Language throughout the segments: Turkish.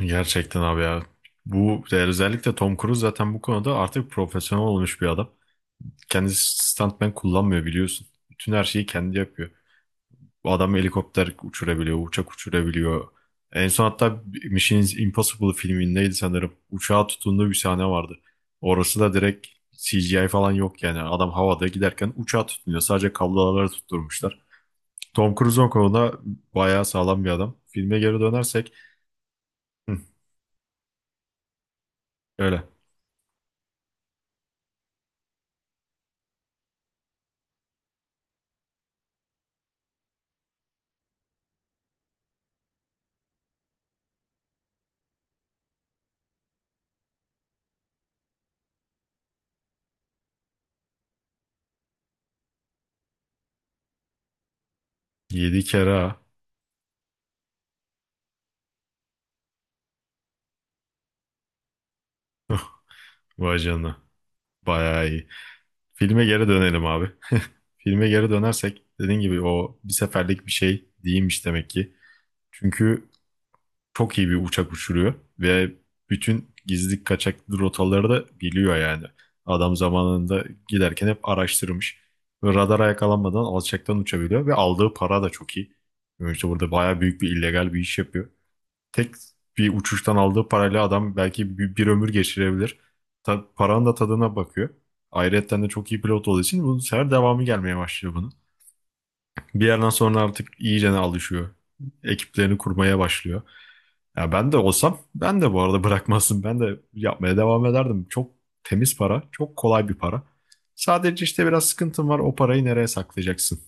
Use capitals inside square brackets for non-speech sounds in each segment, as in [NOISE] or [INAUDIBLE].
Gerçekten abi ya. Bu özellikle Tom Cruise zaten bu konuda artık profesyonel olmuş bir adam. Kendisi stuntman kullanmıyor biliyorsun. Bütün her şeyi kendi yapıyor. Bu adam helikopter uçurabiliyor, uçak uçurabiliyor. En son hatta Mission Impossible filmindeydi sanırım. Uçağa tutunduğu bir sahne vardı. Orası da direkt CGI falan yok yani. Adam havada giderken uçağa tutunuyor. Sadece kabloları tutturmuşlar. Tom Cruise o konuda bayağı sağlam bir adam. Filme geri dönersek. Hı, öyle. Yedi kere ha. Vay canına. Bayağı iyi. Filme geri dönelim abi. Filme geri dönersek dediğin gibi o bir seferlik bir şey değilmiş demek ki. Çünkü çok iyi bir uçak uçuruyor ve bütün gizli kaçak rotaları da biliyor yani. Adam zamanında giderken hep araştırmış. Ve radara yakalanmadan alçaktan uçabiliyor ve aldığı para da çok iyi. Yani İşte burada bayağı büyük bir illegal bir iş yapıyor, tek bir uçuştan aldığı parayla adam belki bir ömür geçirebilir. Paranın da tadına bakıyor. Ayrıca de çok iyi pilot olduğu için bu sefer devamı gelmeye başlıyor bunun. Bir yerden sonra artık iyice alışıyor. Ekiplerini kurmaya başlıyor. Ya ben de olsam ben de bu arada [LAUGHS] bırakmazdım. Ben de yapmaya devam ederdim. Çok temiz para, çok kolay bir para. Sadece işte biraz sıkıntım var. O parayı nereye saklayacaksın?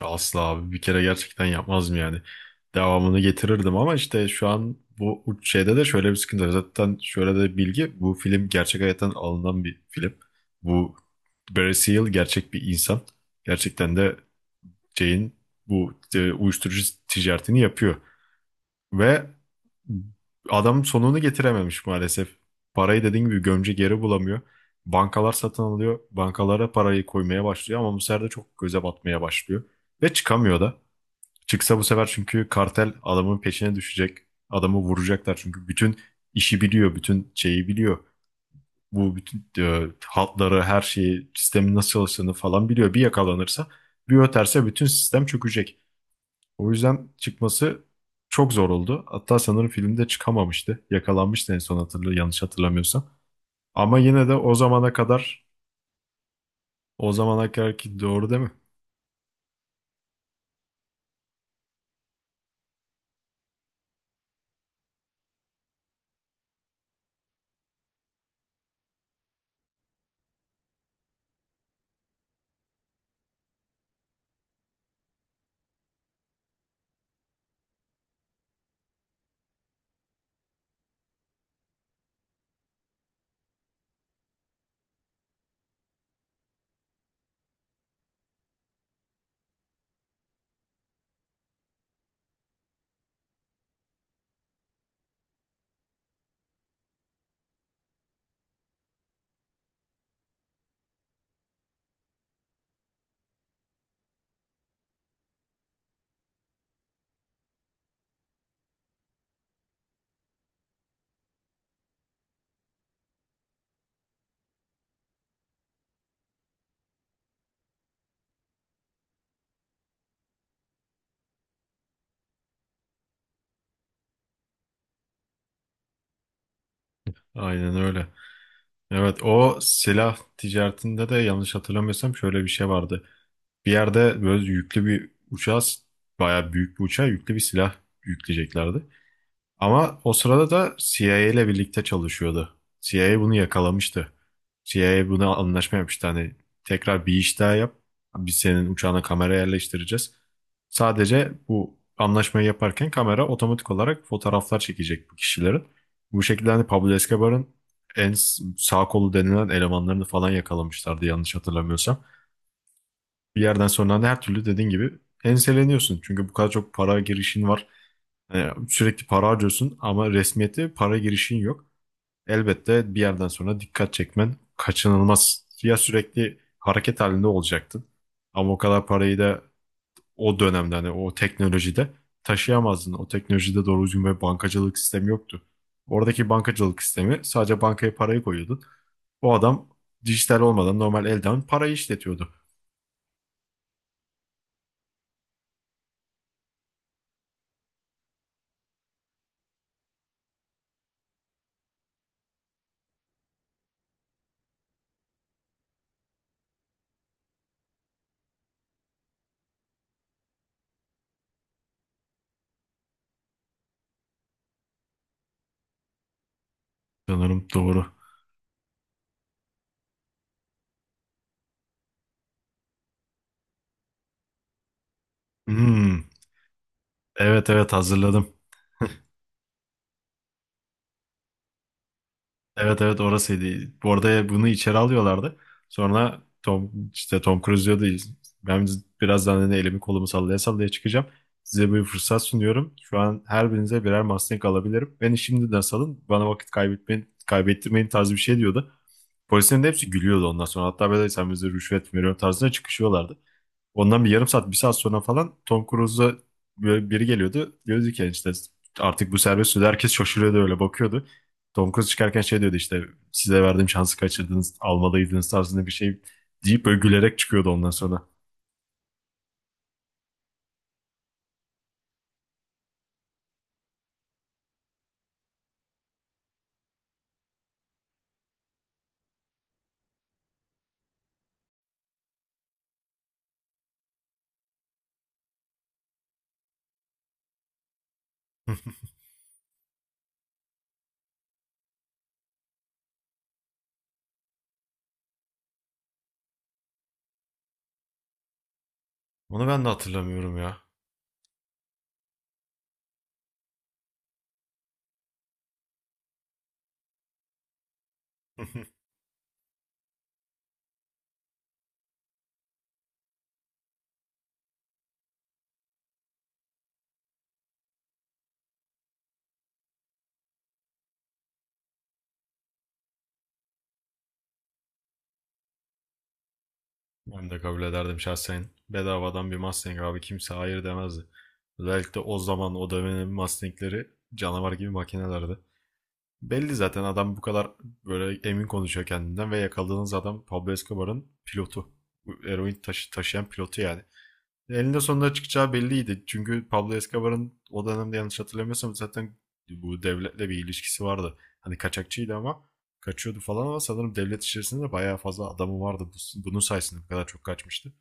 Asla abi, bir kere gerçekten yapmazdım yani. Devamını getirirdim ama işte şu an bu şeyde de şöyle bir sıkıntı var. Zaten şöyle de bir bilgi, bu film gerçek hayattan alınan bir film. Bu Barry Seal gerçek bir insan. Gerçekten de Jane bu uyuşturucu ticaretini yapıyor. Ve adam sonunu getirememiş maalesef. Parayı dediğim gibi gömce geri bulamıyor. Bankalar satın alıyor. Bankalara parayı koymaya başlıyor ama bu sefer de çok göze batmaya başlıyor. Ve çıkamıyor da. Çıksa bu sefer çünkü kartel adamın peşine düşecek. Adamı vuracaklar çünkü bütün işi biliyor, bütün şeyi biliyor. Bu bütün hatları, her şeyi, sistemin nasıl çalıştığını falan biliyor. Bir yakalanırsa, bir öterse bütün sistem çökecek. O yüzden çıkması çok zor oldu. Hatta sanırım filmde çıkamamıştı. Yakalanmıştı en son, yanlış hatırlamıyorsam. Ama yine de o zamana kadar, o zamana kadar ki doğru değil mi? Aynen öyle. Evet, o silah ticaretinde de yanlış hatırlamıyorsam şöyle bir şey vardı. Bir yerde böyle yüklü bir uçağa, bayağı büyük bir uçağa yüklü bir silah yükleyeceklerdi. Ama o sırada da CIA ile birlikte çalışıyordu. CIA bunu yakalamıştı. CIA buna anlaşma yapmıştı. Hani tekrar bir iş daha yap. Biz senin uçağına kamera yerleştireceğiz. Sadece bu anlaşmayı yaparken kamera otomatik olarak fotoğraflar çekecek bu kişilerin. Bu şekilde hani Pablo Escobar'ın sağ kolu denilen elemanlarını falan yakalamışlardı yanlış hatırlamıyorsam. Bir yerden sonra da her türlü dediğin gibi enseleniyorsun. Çünkü bu kadar çok para girişin var. Hani sürekli para harcıyorsun ama resmiyete para girişin yok. Elbette bir yerden sonra dikkat çekmen kaçınılmaz. Ya sürekli hareket halinde olacaktın. Ama o kadar parayı da o dönemde hani o teknolojide taşıyamazdın. O teknolojide doğru düzgün bir bankacılık sistemi yoktu. Oradaki bankacılık sistemi sadece bankaya parayı koyuyordun. O adam dijital olmadan normal elden parayı işletiyordu. Sanırım doğru. Hmm, evet, evet, hazırladım. Evet, evet, orasıydı. Bu arada bunu içeri alıyorlardı. Sonra Tom, işte Tom Cruise diyordu. Ben birazdan hani elimi kolumu sallaya sallaya çıkacağım. Size bir fırsat sunuyorum. Şu an her birinize birer Mustang alabilirim. Beni şimdiden salın. Bana vakit kaybetmeyin, kaybettirmeyin tarzı bir şey diyordu. Polislerin de hepsi gülüyordu ondan sonra. Hatta böyle sen bize rüşvet veriyorsun tarzına çıkışıyorlardı. Ondan bir yarım saat, bir saat sonra falan Tom Cruise'a böyle biri geliyordu. Diyordu ki "Yani işte artık bu serbest." Sürü herkes şaşırıyordu, öyle bakıyordu. Tom Cruise çıkarken şey diyordu işte, size verdiğim şansı kaçırdınız, almalıydınız tarzında bir şey deyip böyle gülerek çıkıyordu ondan sonra. [LAUGHS] Onu ben de hatırlamıyorum ya. [LAUGHS] Ben de kabul ederdim şahsen. Bedavadan bir Mustang abi, kimse hayır demezdi. Özellikle o zaman o dönemin Mustang'leri canavar gibi makinelerdi. Belli zaten adam bu kadar böyle emin konuşuyor kendinden ve yakaladığınız adam Pablo Escobar'ın pilotu. Taşıyan pilotu yani. Elinde sonunda çıkacağı belliydi. Çünkü Pablo Escobar'ın o dönemde yanlış hatırlamıyorsam zaten bu devletle bir ilişkisi vardı. Hani kaçakçıydı ama kaçıyordu falan ama sanırım devlet içerisinde de bayağı fazla adamı vardı. Bunun sayesinde bu kadar çok kaçmıştı.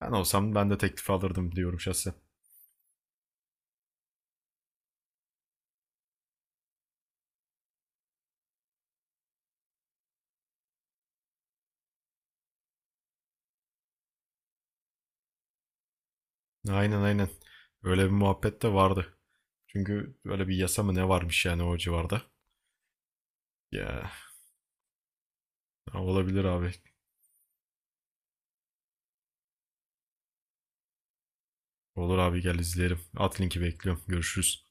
Ben olsam ben de teklifi alırdım diyorum şahsen. Aynen, aynen. Öyle bir muhabbet de vardı. Çünkü böyle bir yasa mı ne varmış yani o civarda. Ya, olabilir abi. Olur abi, gel izleyelim. At linki, bekliyorum. Görüşürüz.